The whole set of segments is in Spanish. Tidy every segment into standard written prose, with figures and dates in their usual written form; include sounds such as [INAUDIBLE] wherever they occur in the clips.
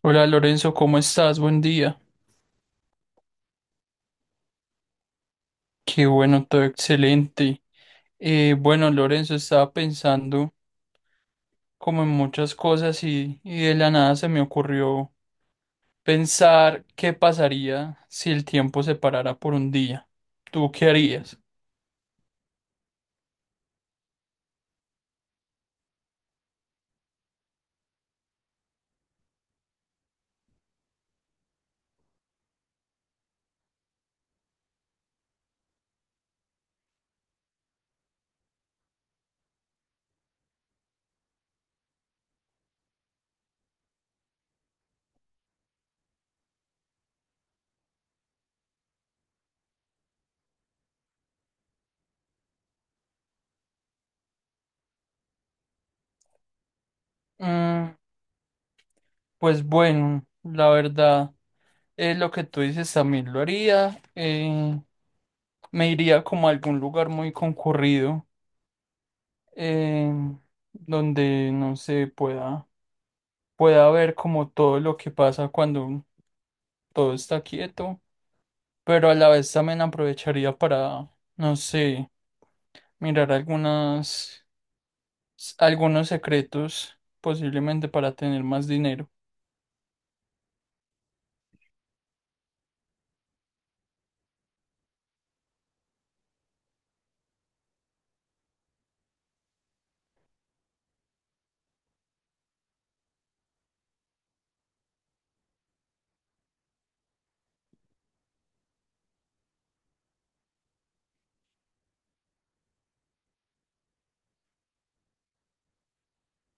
Hola Lorenzo, ¿cómo estás? Buen día. Qué bueno, todo excelente. Bueno, Lorenzo, estaba pensando como en muchas cosas y de la nada se me ocurrió pensar qué pasaría si el tiempo se parara por un día. ¿Tú qué harías? Mm, pues bueno, la verdad, es lo que tú dices también lo haría. Me iría como a algún lugar muy concurrido, eh, donde no se pueda ver como todo lo que pasa cuando todo está quieto, pero a la vez también aprovecharía para, no sé, mirar algunas, algunos secretos, posiblemente para tener más dinero.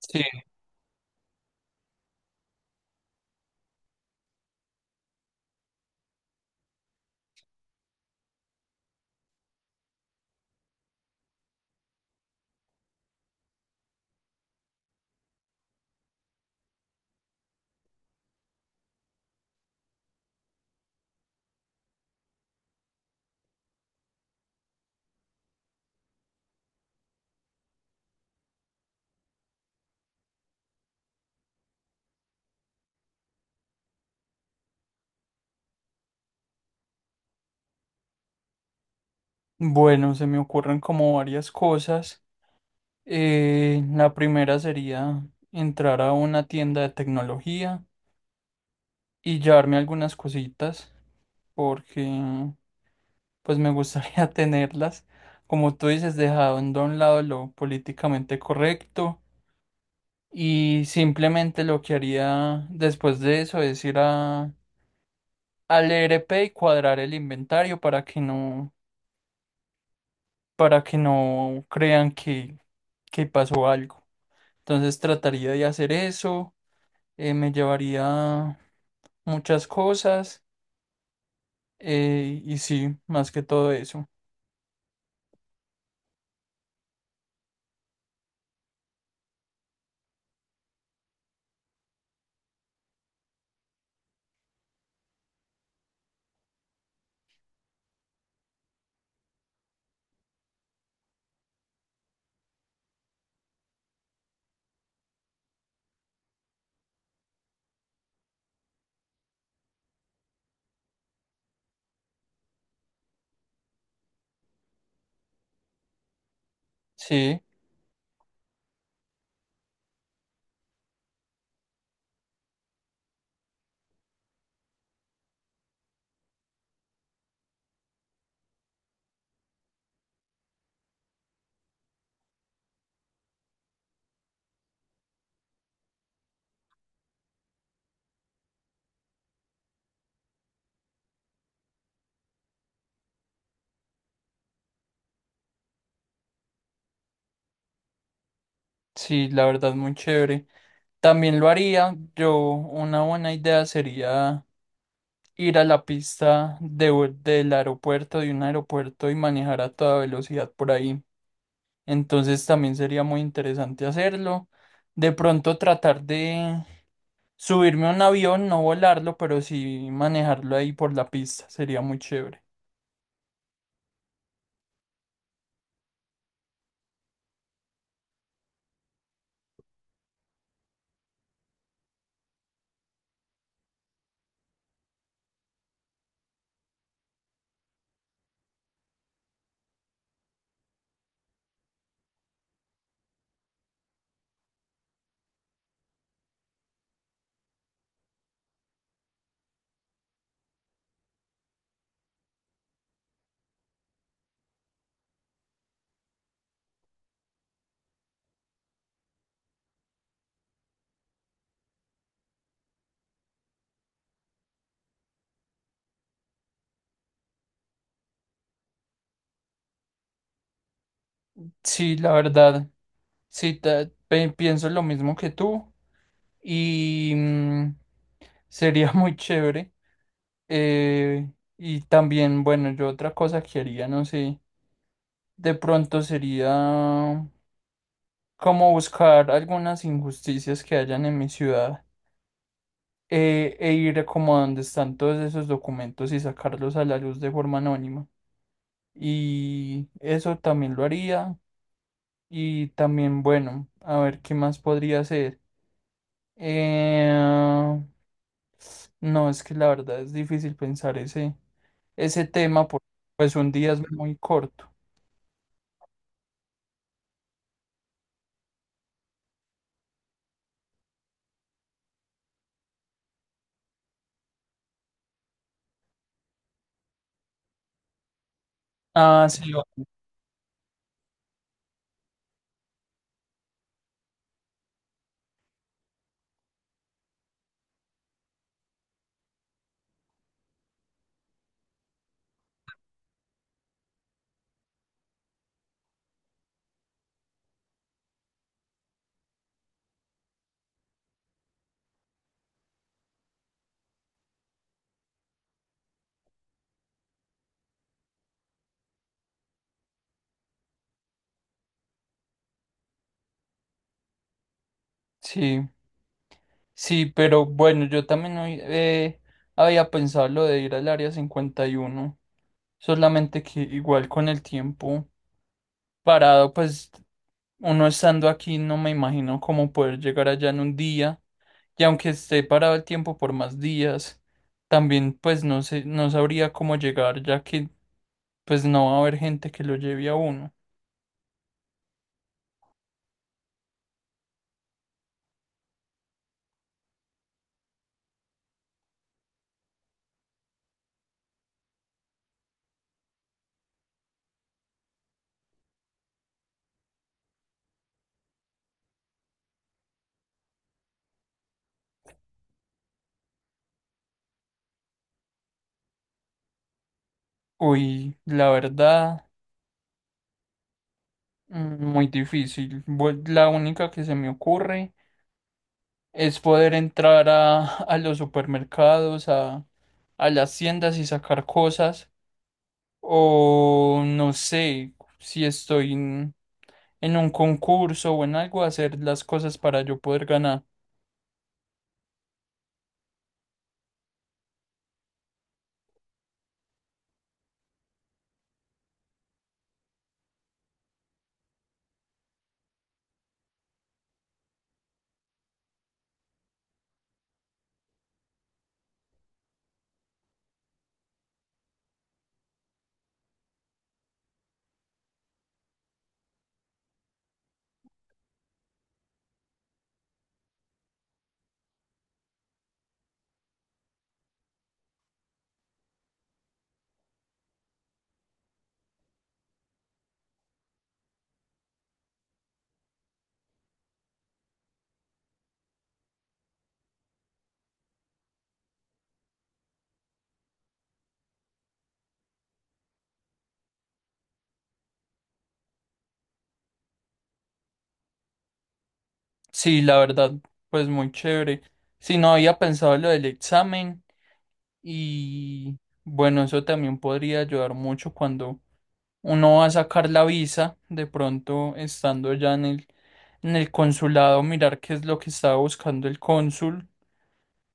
Sí. Bueno, se me ocurren como varias cosas. La primera sería entrar a una tienda de tecnología y llevarme algunas cositas, porque pues me gustaría [LAUGHS] tenerlas. Como tú dices, dejando a un lado lo políticamente correcto y simplemente lo que haría después de eso es ir a, al ERP y cuadrar el inventario para que no crean que pasó algo. Entonces trataría de hacer eso, me llevaría muchas cosas y sí, más que todo eso. Sí, sí, la verdad, muy chévere. También lo haría. Yo, una buena idea sería ir a la pista del aeropuerto, de un aeropuerto y manejar a toda velocidad por ahí. Entonces también sería muy interesante hacerlo. De pronto tratar de subirme a un avión, no volarlo, pero sí manejarlo ahí por la pista. Sería muy chévere. Sí, la verdad. Sí, pienso lo mismo que tú. y mm, sería [LAUGHS] muy chévere. Eh, y también, bueno, yo otra cosa que haría, no sé, de pronto sería como buscar algunas injusticias que hayan en mi ciudad, e ir como a donde están todos esos documentos y sacarlos a la luz de forma anónima. Y eso también lo haría. Y también, bueno, a ver qué más podría hacer. Eh, no, es que la verdad es difícil pensar ese tema porque pues un día es muy corto. Ah, sí, sí, sí, pero bueno, yo también hoy, había pensado lo de ir al área 51, solamente que igual con el tiempo parado, pues uno estando aquí no me imagino cómo poder llegar allá en un día y aunque esté parado el tiempo por más días, también pues no sé, no sabría cómo llegar ya que pues no va a haber gente que lo lleve a uno. Uy, la verdad. Mm, muy difícil. La única que se me ocurre es poder entrar a los supermercados, a las tiendas y sacar cosas. O no sé si estoy en un concurso o en algo, hacer las cosas para yo poder ganar. Sí, la verdad, pues muy chévere. Si no había pensado lo del examen y bueno, eso también podría ayudar mucho cuando uno va a sacar la visa, de pronto estando ya en el consulado, mirar qué es lo que estaba buscando el cónsul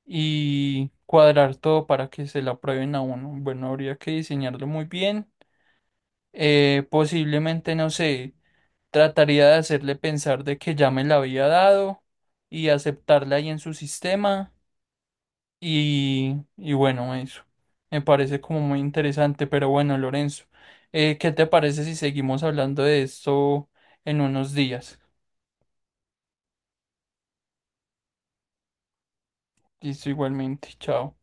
y cuadrar todo para que se la aprueben a uno. Bueno, habría que diseñarlo muy bien. Posiblemente, no sé, trataría de hacerle pensar de que ya me la había dado y aceptarla ahí en su sistema. Y bueno, eso me parece como muy interesante, pero bueno, Lorenzo, ¿qué te parece si seguimos hablando de esto en unos días? Listo, igualmente, chao.